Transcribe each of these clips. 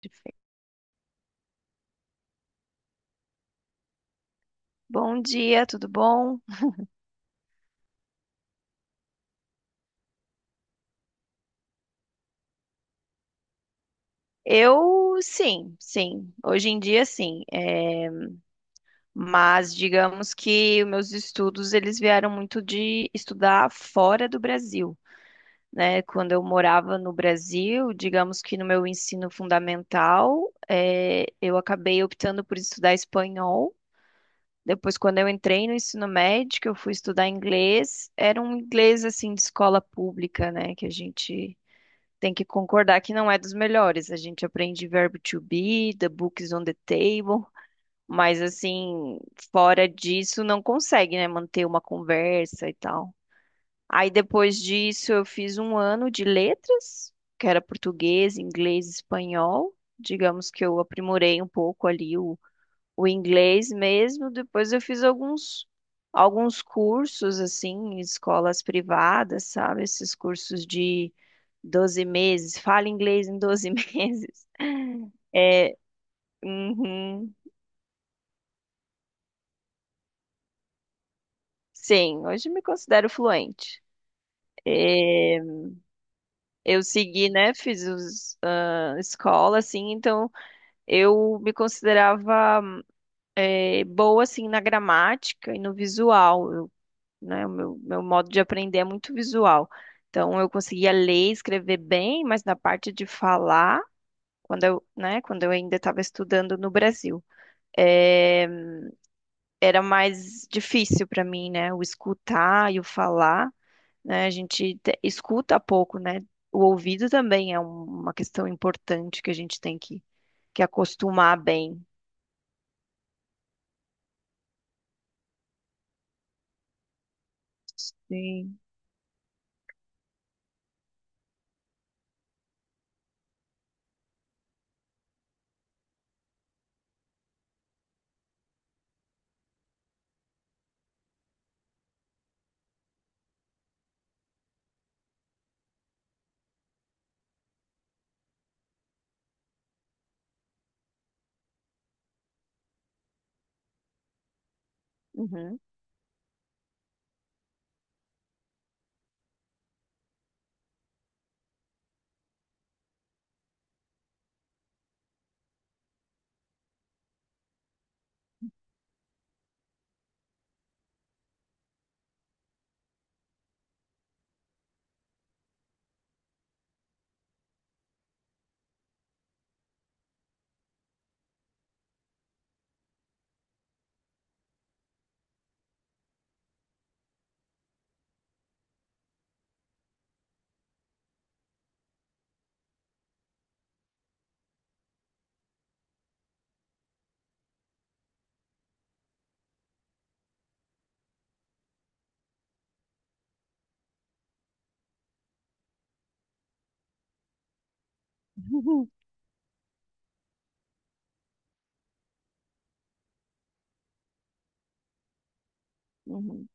Perfeito. Bom dia, tudo bom? Eu sim, sim. Hoje em dia sim. Mas digamos que os meus estudos eles vieram muito de estudar fora do Brasil, né? Quando eu morava no Brasil, digamos que no meu ensino fundamental, eu acabei optando por estudar espanhol. Depois, quando eu entrei no ensino médio, que eu fui estudar inglês, era um inglês assim de escola pública, né? Que a gente tem que concordar que não é dos melhores. A gente aprende verbo to be, the book is on the table, mas assim, fora disso, não consegue, né, manter uma conversa e tal. Aí depois disso, eu fiz um ano de letras, que era português, inglês, espanhol. Digamos que eu aprimorei um pouco ali o inglês mesmo. Depois eu fiz alguns cursos assim, em escolas privadas, sabe? Esses cursos de 12 meses, fala inglês em 12 meses. É, uhum, sim, hoje me considero fluente. É, eu segui, né? Fiz os, ah, escola, assim, então eu me considerava boa assim na gramática e no visual. Eu né? O meu modo de aprender é muito visual. Então, eu conseguia ler e escrever bem, mas na parte de falar, quando eu, né, quando eu ainda estava estudando no Brasil, eh, era mais difícil para mim, né? O escutar e o falar, né? Escuta pouco, né? O ouvido também é uma questão importante que a gente que acostumar bem. Sim. Uhum. Uhum.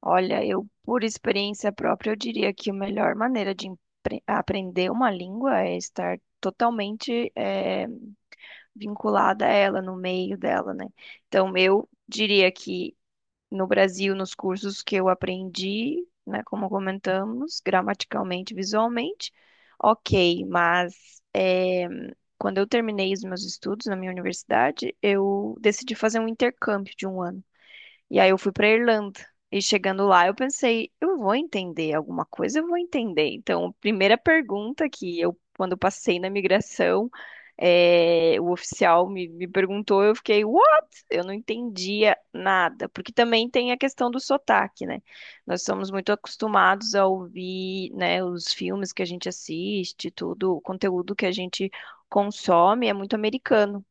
Olha, eu, por experiência própria, eu diria que a melhor maneira de aprender uma língua é estar totalmente vinculada a ela, no meio dela, né? Então, eu diria que no Brasil, nos cursos que eu aprendi, né, como comentamos, gramaticalmente, visualmente, ok, mas quando eu terminei os meus estudos na minha universidade, eu decidi fazer um intercâmbio de um ano. E aí eu fui para Irlanda. E chegando lá, eu pensei, eu vou entender alguma coisa, eu vou entender. Então, a primeira pergunta que eu, quando eu passei na migração, o oficial me perguntou, eu fiquei, what? Eu não entendia nada, porque também tem a questão do sotaque, né? Nós somos muito acostumados a ouvir, né, os filmes que a gente assiste, tudo, o conteúdo que a gente consome é muito americano.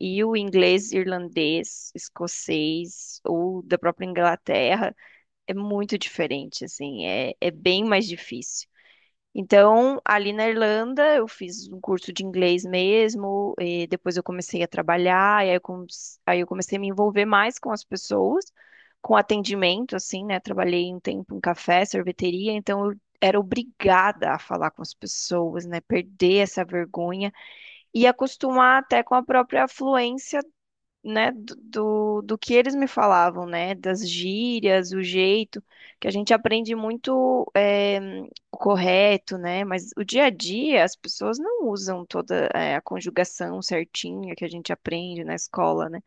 E o inglês, irlandês, escocês ou da própria Inglaterra é muito diferente, assim, é, é bem mais difícil. Então, ali na Irlanda, eu fiz um curso de inglês mesmo, e depois eu comecei a trabalhar, e aí aí eu comecei a me envolver mais com as pessoas, com atendimento, assim, né? Trabalhei um tempo em café, sorveteria, então eu era obrigada a falar com as pessoas, né? Perder essa vergonha e acostumar até com a própria fluência né, do do que eles me falavam, né, das gírias, o jeito, que a gente aprende muito o correto, né, mas o dia a dia as pessoas não usam toda a conjugação certinha que a gente aprende na escola, né?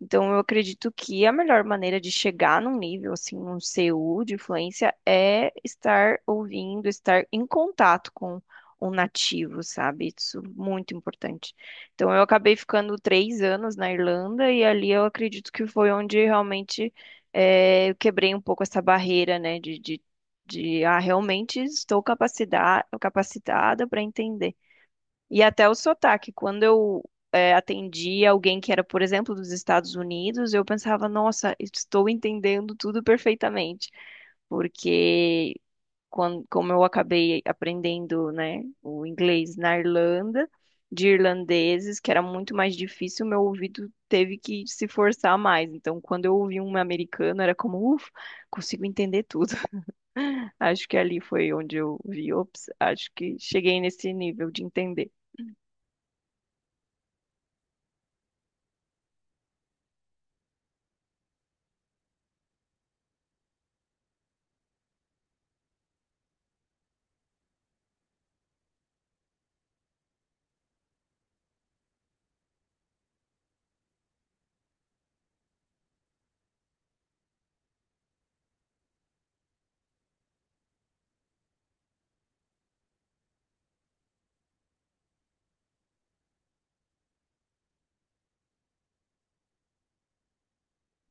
Então, eu acredito que a melhor maneira de chegar num nível, assim, um CU de influência é estar ouvindo, estar em contato com um nativo, sabe? Isso é muito importante. Então, eu acabei ficando três anos na Irlanda e ali eu acredito que foi onde realmente eu quebrei um pouco essa barreira, né? Realmente estou capacitada para entender. E até o sotaque, quando eu atendi alguém que era, por exemplo, dos Estados Unidos, eu pensava, nossa, estou entendendo tudo perfeitamente, porque como eu acabei aprendendo, né, o inglês na Irlanda, de irlandeses, que era muito mais difícil, meu ouvido teve que se forçar mais. Então, quando eu ouvi um americano, era como, ufa, consigo entender tudo. Acho que ali foi onde eu vi, ops, acho que cheguei nesse nível de entender.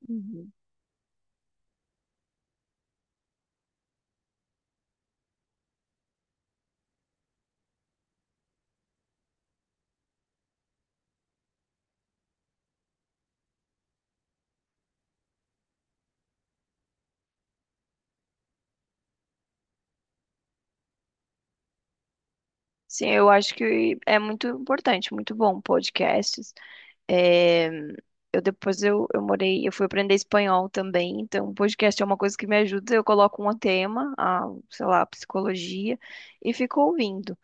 Uhum. Sim, eu acho que é muito importante, muito bom podcasts. É, eu morei, eu fui aprender espanhol também, então podcast é uma coisa que me ajuda. Eu coloco um tema, a, sei lá, psicologia, e fico ouvindo.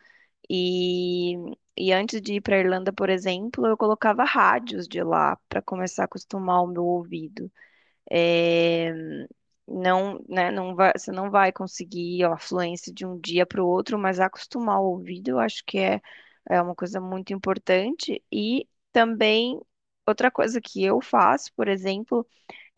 E, e antes de ir para Irlanda, por exemplo, eu colocava rádios de lá para começar a acostumar o meu ouvido. É, não, né, não vai, você não vai conseguir ó, a fluência de um dia para o outro, mas acostumar o ouvido, eu acho que é, é uma coisa muito importante. E também, outra coisa que eu faço, por exemplo,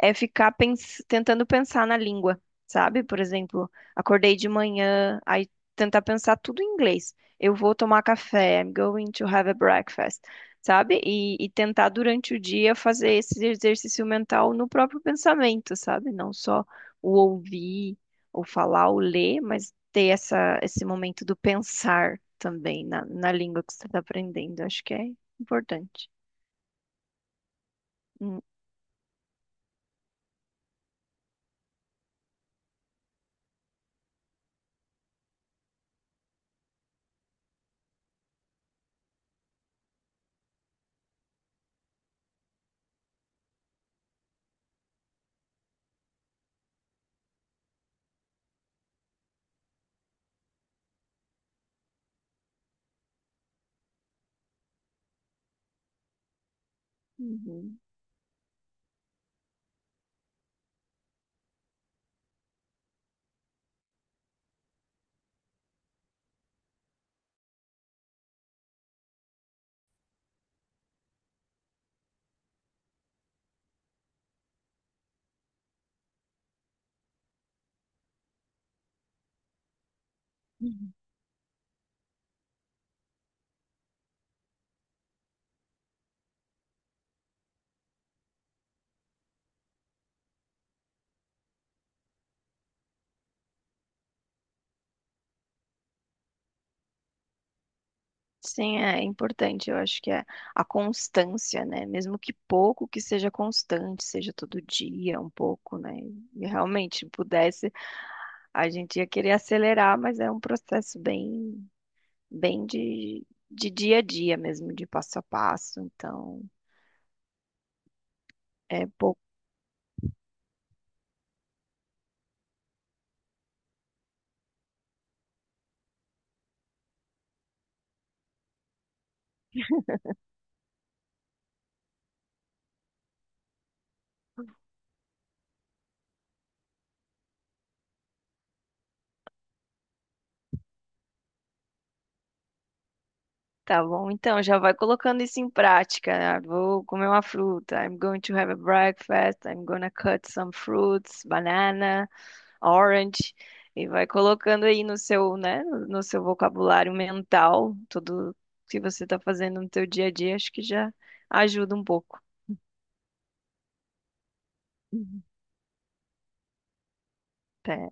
é ficar tentando pensar na língua, sabe? Por exemplo, acordei de manhã, aí tentar pensar tudo em inglês. Eu vou tomar café, I'm going to have a breakfast, sabe? E tentar durante o dia fazer esse exercício mental no próprio pensamento, sabe? Não só o ouvir, ou falar, ou ler, mas ter essa, esse momento do pensar também na língua que você está aprendendo. Acho que é importante. Hum, Uhum. Sim, é importante. Eu acho que é a constância, né? Mesmo que pouco que seja constante, seja todo dia um pouco, né? E realmente pudesse, a gente ia querer acelerar, mas é um processo bem, bem de dia a dia mesmo, de passo a passo. Então, é pouco. Tá bom, então já vai colocando isso em prática, né? Vou comer uma fruta. I'm going to have a breakfast. I'm gonna cut some fruits, banana. Orange e vai colocando aí no seu, né, no seu vocabulário mental, tudo que você está fazendo no seu dia a dia, acho que já ajuda um pouco. Uhum. Pera.